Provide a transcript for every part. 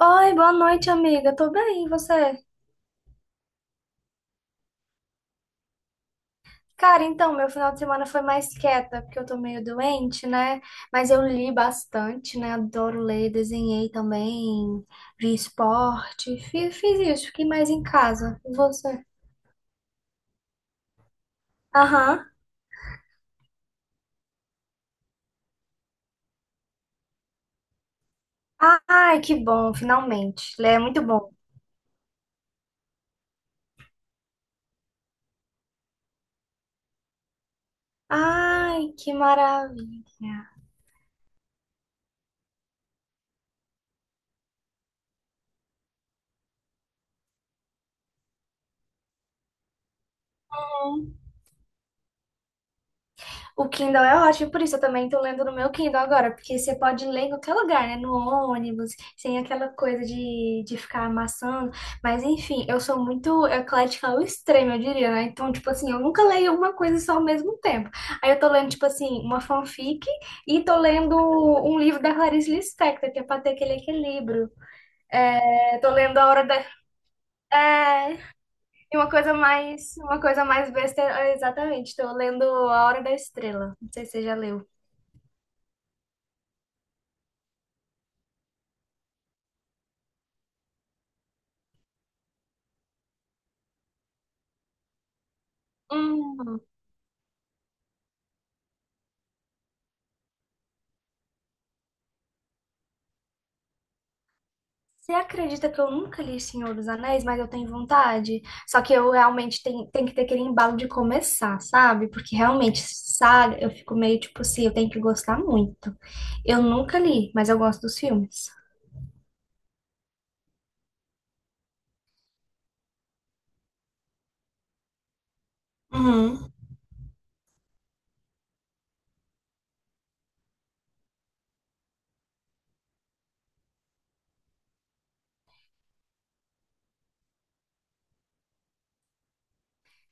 Oi, boa noite, amiga. Tô bem, e você? Cara, então, meu final de semana foi mais quieta, porque eu tô meio doente, né? Mas eu li bastante, né? Adoro ler, desenhei também, vi esporte, fiz isso, fiquei mais em casa. E você? Aham. Ai, que bom, finalmente. Ler é muito bom. Ai, que maravilha. O Kindle é ótimo, por isso eu também tô lendo no meu Kindle agora, porque você pode ler em qualquer lugar, né? No ônibus, sem aquela coisa de ficar amassando. Mas enfim, eu sou muito eclética ao extremo, eu diria, né? Então, tipo assim, eu nunca leio uma coisa só ao mesmo tempo. Aí eu tô lendo, tipo assim, uma fanfic e tô lendo um livro da Clarice Lispector, que é pra ter aquele equilíbrio. É, tô lendo A Hora da... É, e uma coisa mais besta, é, exatamente, tô lendo A Hora da Estrela. Não sei se você já leu. Hum, você acredita que eu nunca li Senhor dos Anéis, mas eu tenho vontade? Só que eu realmente tenho que ter aquele embalo de começar, sabe? Porque realmente, saga, eu fico meio tipo assim, eu tenho que gostar muito. Eu nunca li, mas eu gosto dos filmes. Uhum.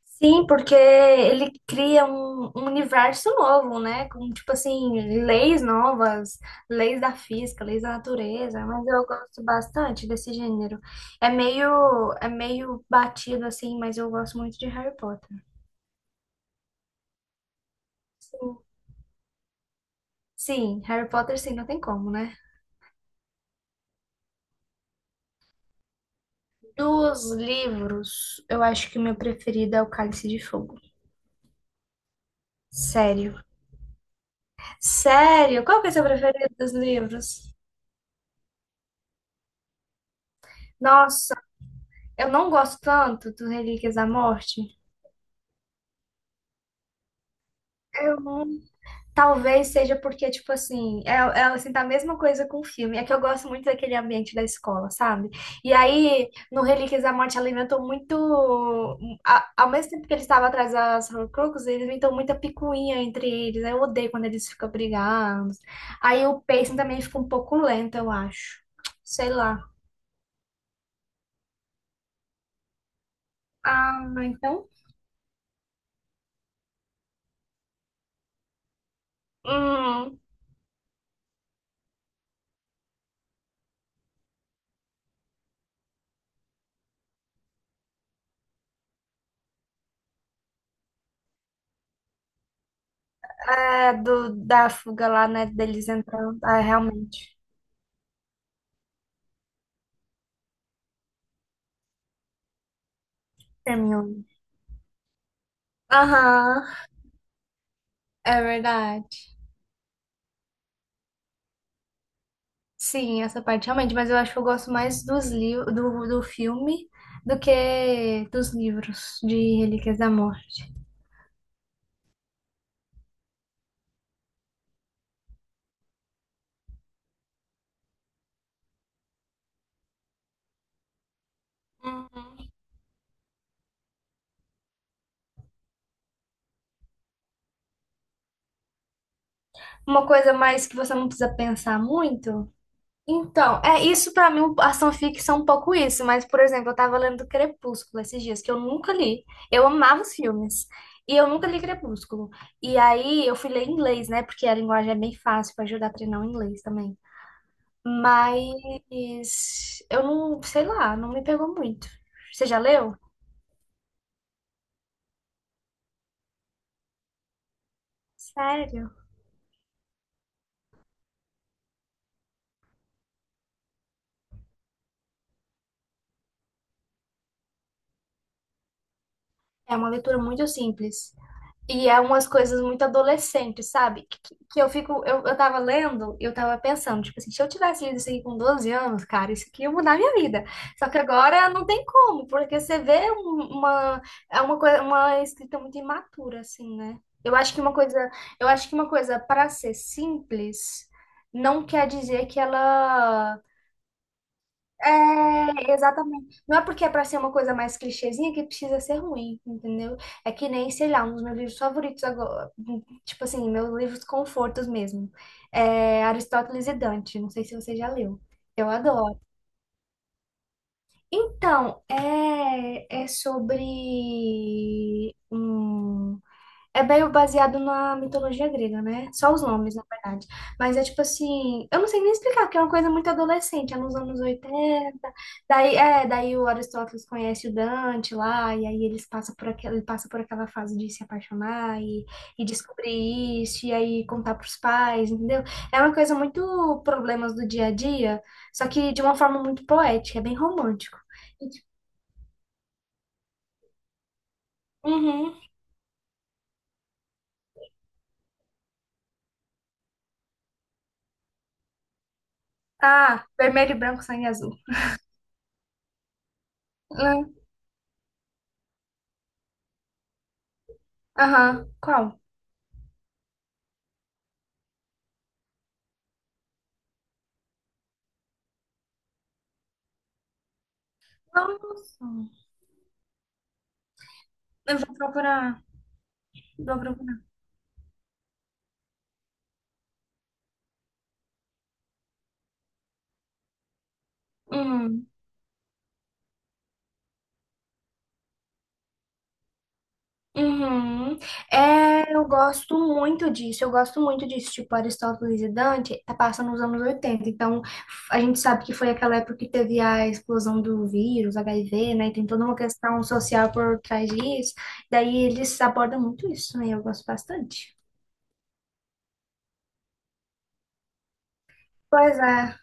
Sim, porque ele cria um universo novo, né? Com, tipo assim, leis novas, leis da física, leis da natureza, mas eu gosto bastante desse gênero. É meio batido, assim, mas eu gosto muito de Harry Potter. Sim, sim, Harry Potter, sim, não tem como, né? Dos livros, eu acho que o meu preferido é O Cálice de Fogo. Sério. Sério? Qual que é o seu preferido dos livros? Nossa, eu não gosto tanto do Relíquias da Morte. Eu- Talvez seja porque, tipo assim, tá a mesma coisa com o filme. É que eu gosto muito daquele ambiente da escola, sabe? E aí, no Relíquias da Morte, ela inventou muito. Ao mesmo tempo que eles estavam atrás das Horcruxes, eles inventam muita picuinha entre eles. Aí eu odeio quando eles ficam brigando. Aí o pacing também fica um pouco lento, eu acho. Sei lá. Ah, então. Hum, é da fuga lá, né? Deles entrando. Ah, realmente. Terminou. Aham. É verdade. Sim, essa parte realmente, mas eu acho que eu gosto mais dos livros do filme do que dos livros de Relíquias da Morte. Uhum. Uma coisa mais que você não precisa pensar muito. Então, é isso pra mim, a fanfics são um pouco isso, mas por exemplo, eu tava lendo Crepúsculo esses dias, que eu nunca li. Eu amava os filmes. E eu nunca li Crepúsculo. E aí eu fui ler em inglês, né? Porque a linguagem é bem fácil pra ajudar a treinar o inglês também. Mas eu não, sei lá, não me pegou muito. Você já leu? Sério? É uma leitura muito simples. E é umas coisas muito adolescentes, sabe? Que eu fico, eu tava lendo e eu tava pensando, tipo assim, se eu tivesse lido isso aqui com 12 anos, cara, isso aqui ia mudar a minha vida. Só que agora não tem como, porque você vê um- uma, é uma coisa, uma escrita muito imatura, assim, né? Eu acho que uma coisa para ser simples não quer dizer que ela. É, exatamente. Não é porque é pra ser uma coisa mais clichêzinha que precisa ser ruim, entendeu? É que nem, sei lá, um dos meus livros favoritos agora, tipo assim, meus livros confortos mesmo. É Aristóteles e Dante, não sei se você já leu. Eu adoro. Então, é, é sobre um é meio baseado na mitologia grega, né? Só os nomes, na verdade. Mas é tipo assim, eu não sei nem explicar, porque é uma coisa muito adolescente, é nos anos 80. Daí o Aristóteles conhece o Dante lá, e aí ele passa por aquela fase de se apaixonar e descobrir isso, e aí contar pros pais, entendeu? É uma coisa muito problemas do dia a dia, só que de uma forma muito poética, é bem romântico. E, tipo. Uhum. Ah, Vermelho, Branco, Sangue Azul. Hum. Aham. Qual? Nossa, eu vou procurar. Vou procurar. Uhum. Uhum. É, eu gosto muito disso, eu gosto muito disso. Tipo, Aristóteles e Dante tá passando nos anos 80, então a gente sabe que foi aquela época que teve a explosão do vírus, HIV, né? E tem toda uma questão social por trás disso. Daí eles abordam muito isso, né? Eu gosto bastante. Pois é.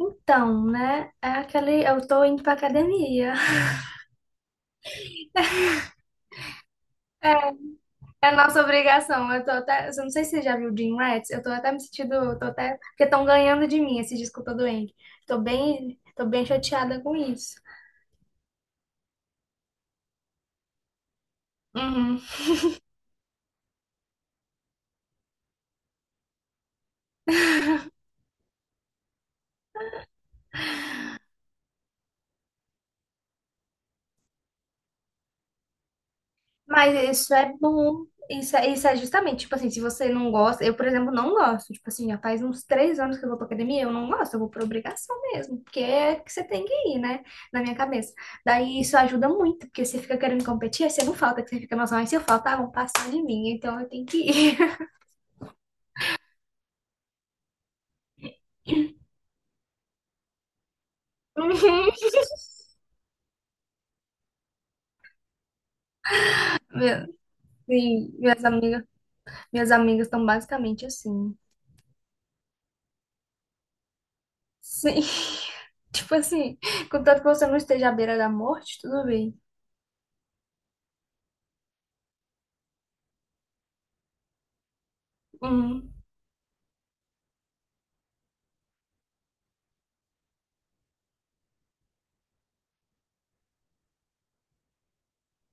Então, né? É aquele, eu tô indo pra academia. É nossa obrigação. Eu tô até Eu não sei se você já viu Dream Rats. Eu tô até me sentindo. Eu Tô até, porque estão ganhando de mim esse disco todo doente. Tô bem chateada com isso. Uhum. Mas isso é bom. Isso é justamente, tipo assim, se você não gosta, eu, por exemplo, não gosto. Tipo assim, já faz uns 3 anos que eu vou pra academia, eu não gosto, eu vou por obrigação mesmo, porque é que você tem que ir, né? Na minha cabeça. Daí isso ajuda muito, porque você fica querendo competir, aí você não falta, que você fica, nossa, mas se eu faltar, vão passar de mim, então eu tenho que ir. Uhum. Meu- Sim, minhas amigas estão basicamente assim. Sim. Tipo assim, contanto que você não esteja à beira da morte, tudo bem. Hum.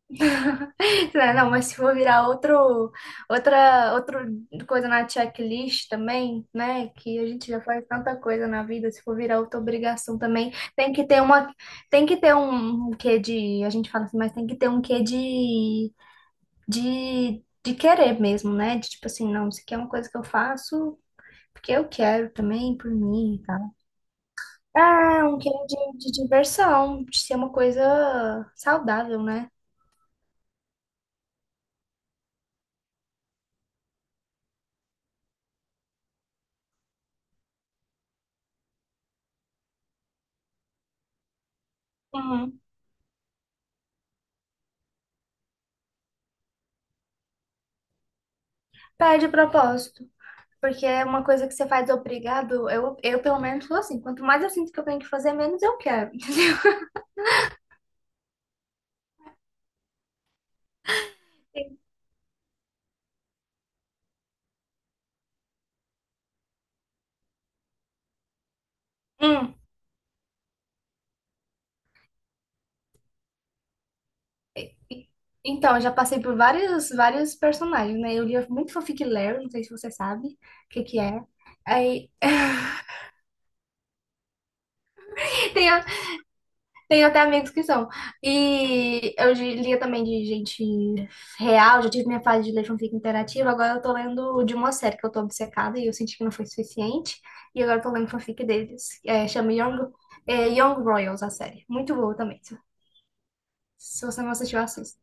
Não, não, mas se for virar outra coisa na checklist também, né? Que a gente já faz tanta coisa na vida, se for virar outra obrigação também, tem que ter um quê de, a gente fala assim, mas tem que ter um quê de querer mesmo, né? De tipo assim, não, isso aqui é uma coisa que eu faço porque eu quero também, por mim e tal. Ah, um querer de diversão, de ser uma coisa saudável, né? Uhum. Perde o propósito. Porque é uma coisa que você faz obrigado, eu pelo menos sou assim, quanto mais eu sinto que eu tenho que fazer, menos eu quero. Hum. E- Então, eu já passei por vários, vários personagens, né? Eu lia muito Fanfic Larry, não sei se você sabe o que que é. Aí, tem, Tenho até amigos que são. E eu lia também de gente real, já tive minha fase de ler fanfic interativa, agora eu tô lendo de uma série que eu tô obcecada e eu senti que não foi suficiente. E agora eu tô lendo fanfic deles. É, chama Young Royals, a série. Muito boa também. Se você não assistiu, assista.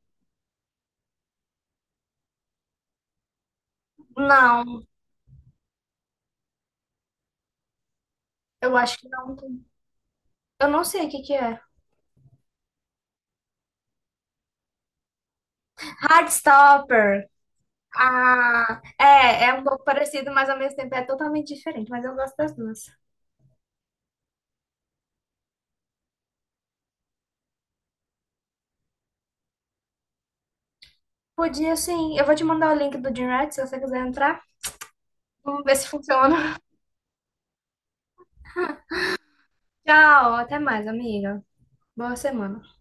Não, eu acho que não. Eu não sei o que que é. Heartstopper. Ah, é um pouco parecido, mas ao mesmo tempo é totalmente diferente, mas eu gosto das duas. Podia sim. Eu vou te mandar o link do Gymrat se você quiser entrar. Vamos ver se funciona. Tchau, até mais, amiga. Boa semana.